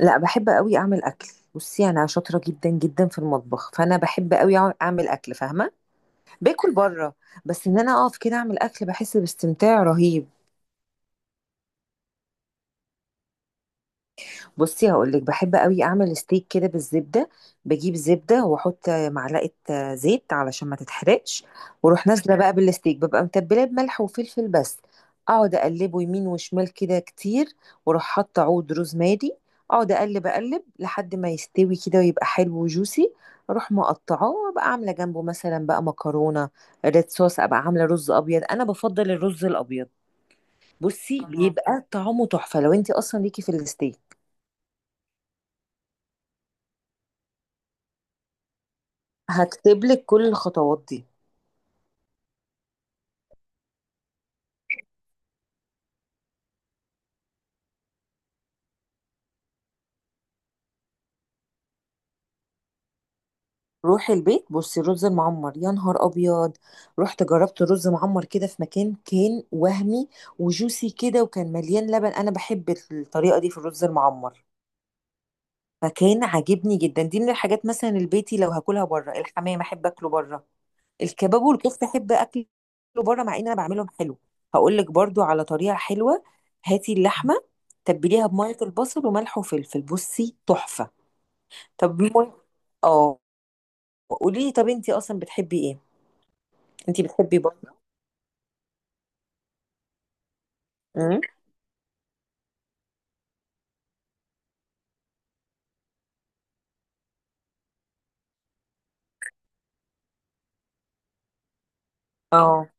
لا، بحب قوي اعمل اكل. بصي، انا شاطره جدا جدا في المطبخ، فانا بحب قوي اعمل اكل، فاهمه؟ باكل بره. بس ان انا اقف كده اعمل اكل بحس باستمتاع رهيب. بصي، هقولك، بحب قوي اعمل ستيك كده بالزبده. بجيب زبده واحط معلقه زيت علشان ما تتحرقش. واروح نازله بقى بالستيك، ببقى متبلاه بملح وفلفل بس. اقعد اقلبه يمين وشمال كده كتير. واروح حاطه عود روزماري. اقعد اقلب اقلب لحد ما يستوي كده، ويبقى حلو وجوسي. اروح مقطعاه، وابقى عامله جنبه مثلا بقى مكرونه. ريد صوص، ابقى عامله رز ابيض، انا بفضل الرز الابيد. بصي، الله، بيبقى طعمه تحفه لو انت اصلا ليكي في الستيك. هكتب لك كل الخطوات دي. روحي البيت، بصي، رز معمر، يا نهار ابيض. رحت جربت رز معمر كده في مكان، كان وهمي. وجوسي كده، وكان مليان لبن، انا بحب الطريقه دي في الرز المعمر. فكان عاجبني جدا، دي من الحاجات. مثلا البيتي لو هاكلها بره، الحمام احب اكله بره. الكباب والكفته احب اكله بره، مع ان انا بعملهم حلو. هقول لك برضو على طريقه حلوه. هاتي اللحمه، تبليها بميه البصل وملح وفلفل، بصي تحفه. طب اه قولي لي، طب انتي اصلا بتحبي ايه؟ انتي بتحبي برضه؟ امم. اه،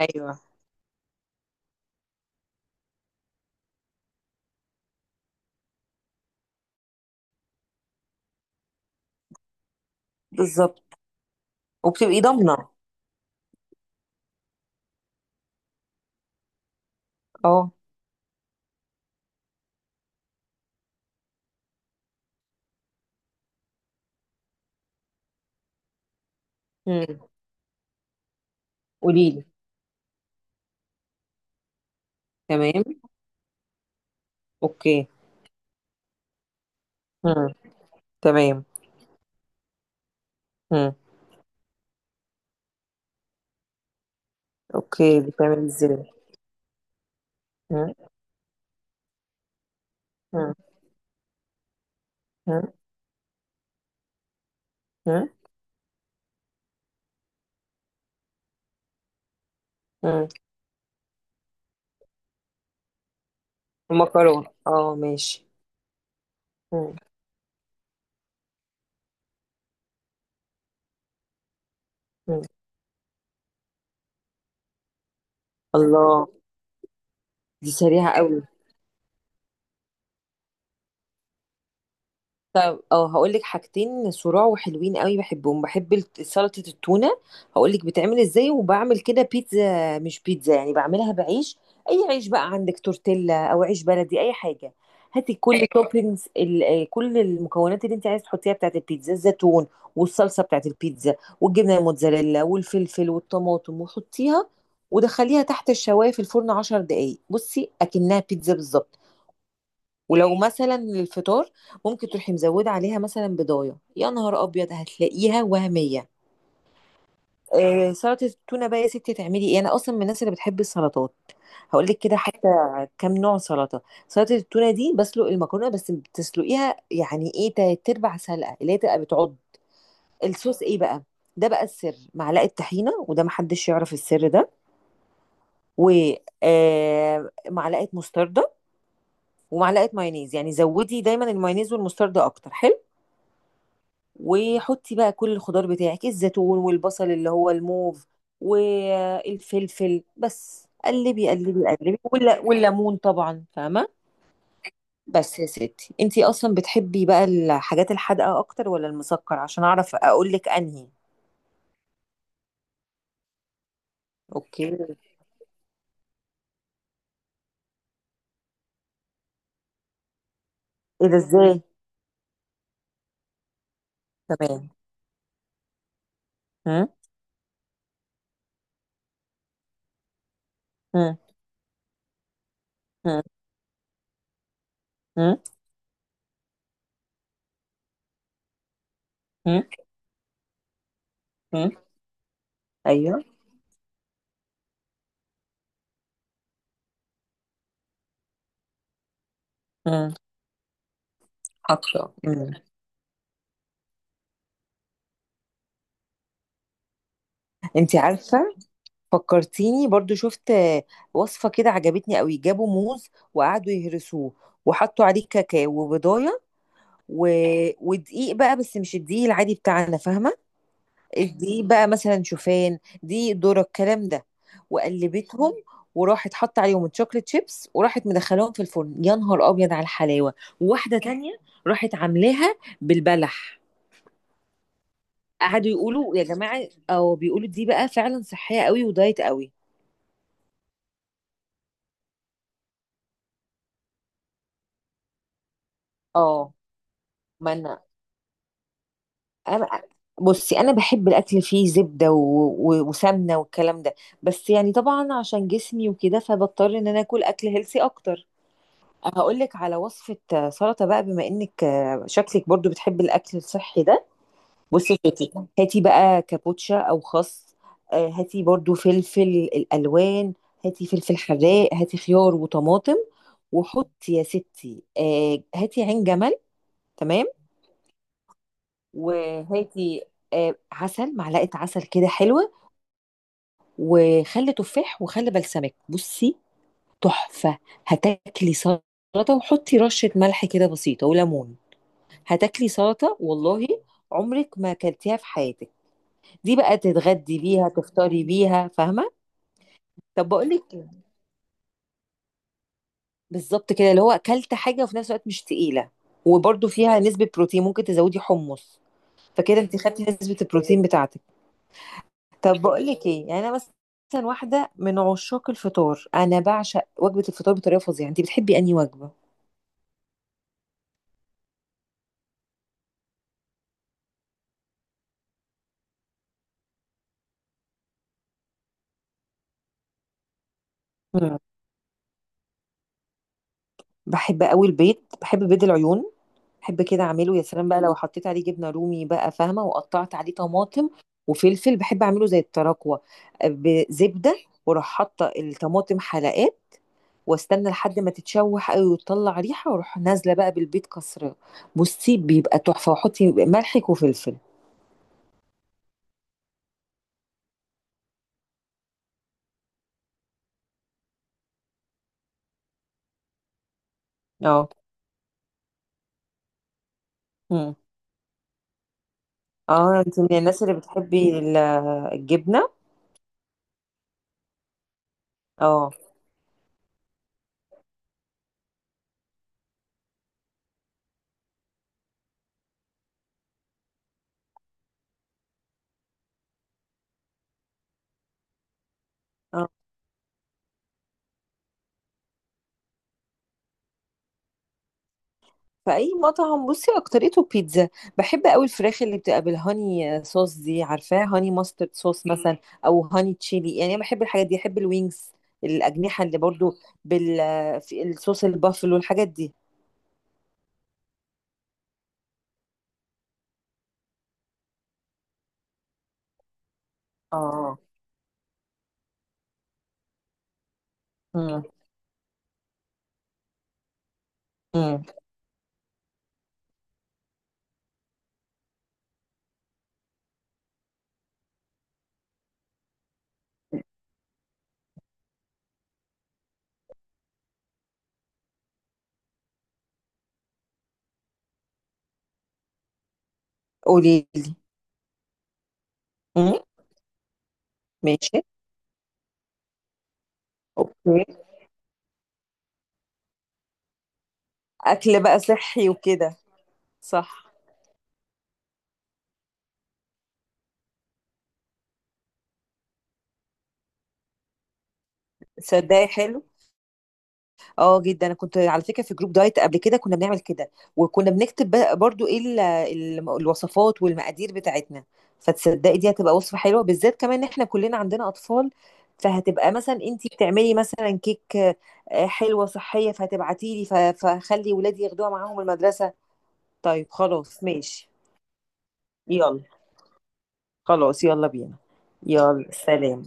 ايوه، بالظبط. وبتبقي ضامنه. اه. امم. قولي لي. تمام، اوكي. امم. تمام. امم. اوكي، بتعملي ازاي؟ امم. امم. امم. امم. امم. المكرونه، اه، ماشي. امم. امم. الله. دي سريعه قوي. طب هقول لك حاجتين صراع وحلوين قوي، بحبهم، بحب سلطة التونة. هقول لك بتعمل ازاي. وبعمل كده بيتزا مش بيتزا، يعني بعملها بعيش. اي عيش بقى عندك، تورتيلا او عيش بلدي، اي حاجة. هاتي كل توبينجز، كل المكونات اللي انت عايز تحطيها بتاعت البيتزا، الزيتون والصلصة بتاعت البيتزا والجبنة الموتزاريلا والفلفل والطماطم، وحطيها ودخليها تحت الشواية في الفرن 10 دقايق. بصي، اكنها بيتزا بالظبط. ولو مثلا الفطار ممكن تروحي مزوده عليها مثلا بضايه، يا نهار ابيض هتلاقيها وهميه. سلطه التونه بقى، يا ستي، تعملي ايه؟ انا اصلا من الناس اللي بتحب السلطات. هقول لك كده حتى كام نوع سلطه. سلطه التونه دي، بسلق المكرونه بس، بتسلقيها يعني ايه تلات ارباع سلقه، اللي هي تبقى بتعض. الصوص ايه بقى؟ ده بقى السر، معلقه طحينه، وده محدش يعرف السر ده. ومعلقه مستردة. ومعلقه مايونيز، يعني زودي دايما المايونيز والمستردة اكتر، حلو. وحطي بقى كل الخضار بتاعك، الزيتون والبصل اللي هو الموف والفلفل، بس قلبي قلبي قلبي، ولا والليمون طبعا، فاهمه؟ بس يا ستي، انتي اصلا بتحبي بقى الحاجات الحادقه اكتر ولا المسكر؟ عشان اعرف اقول لك انهي. اوكي، ايه ده؟ ازاي؟ تمام. هم؟ هم؟ هم؟ هم؟ هم؟ هم؟ ايوه. هم. حاطه. هم. انتي عارفه، فكرتيني. برضو شفت وصفة كده عجبتني قوي، جابوا موز وقعدوا يهرسوه. وحطوا عليه كاكاو وبضاية. و... ودقيق بقى، بس مش الدقيق العادي بتاعنا، فاهمة؟ الدقيق بقى مثلا شوفان، دقيق ذرة، الكلام ده. وقلبتهم، وراحت حط عليهم الشوكليت شيبس، وراحت مدخلاهم في الفرن، يا نهار ابيض، على الحلاوة. وواحدة تانية راحت عاملاها بالبلح. قعدوا يقولوا يا جماعة، او بيقولوا دي بقى فعلا صحية قوي ودايت قوي. اه. ما انا، بصي انا بحب الاكل فيه زبده وسمنه والكلام ده. بس يعني طبعا عشان جسمي وكده، فبضطر ان انا اكل اكل هيلسي اكتر. هقول لك على وصفه، سلطه بقى، بما انك شكلك برضو بتحبي الاكل الصحي ده. بصي يا ستي، هاتي بقى كابوتشا او خس. هاتي برضو فلفل، الالوان. هاتي فلفل حراق، هاتي خيار وطماطم. وحطي يا ستي هاتي عين جمل. تمام. وهاتي عسل، معلقة عسل كده حلوة. وخل تفاح وخل بلسمك، بصي تحفة. هتاكلي سلطة. وحطي رشة ملح كده بسيطة وليمون. هتاكلي سلطة والله عمرك ما اكلتيها في حياتك. دي بقى تتغدي بيها تفطري بيها، فاهمة؟ طب بقول لك، بالظبط كده اللي هو اكلت حاجة وفي نفس الوقت مش تقيلة. وبرده فيها نسبة بروتين، ممكن تزودي حمص، فكده انت خدتي نسبة البروتين بتاعتك. طب بقول لك ايه، يعني انا مثلا واحده من عشاق الفطار، انا بعشق وجبه الفطار بطريقه فظيعه. انت بتحبي انهي وجبه؟ مم. بحب قوي البيض. بحب بيض العيون. بحب كده اعمله، يا سلام بقى، لو حطيت عليه جبنه رومي بقى، فاهمه؟ وقطعت عليه طماطم وفلفل. بحب اعمله زي التراكوه بزبده، واروح حاطه الطماطم حلقات، واستنى لحد ما تتشوح قوي وتطلع ريحه، واروح نازله بقى بالبيض كسره. بصي بيبقى تحفه، واحطي ملحك وفلفل. اه. مم. اه، انت من الناس اللي بتحبي الجبنة. اه. اه. في اي مطعم، بصي، اكتريته بيتزا. بحب قوي الفراخ اللي بتبقى بالهاني صوص دي، عارفاه، هاني ماسترد صوص مثلا، او هاني تشيلي. يعني انا بحب الحاجات دي، بحب الوينجز، الاجنحة، اللي برضو بال في الصوص البافلو، الحاجات دي. اه. امم. امم. قولي لي. امم. ماشي. اوكي. اكل بقى صحي وكده. صح. صدقي حلو. اه، جدا. انا كنت على فكره في جروب دايت قبل كده، كنا بنعمل كده، وكنا بنكتب بقى برضو ايه الوصفات والمقادير بتاعتنا. فتصدقي دي هتبقى وصفه حلوه، بالذات كمان ان احنا كلنا عندنا اطفال. فهتبقى مثلا انتي بتعملي مثلا كيك حلوه صحيه، فهتبعتي لي فخلي ولادي ياخدوها معاهم المدرسه. طيب خلاص، ماشي. يلا، خلاص يلا بينا. يلا، سلام.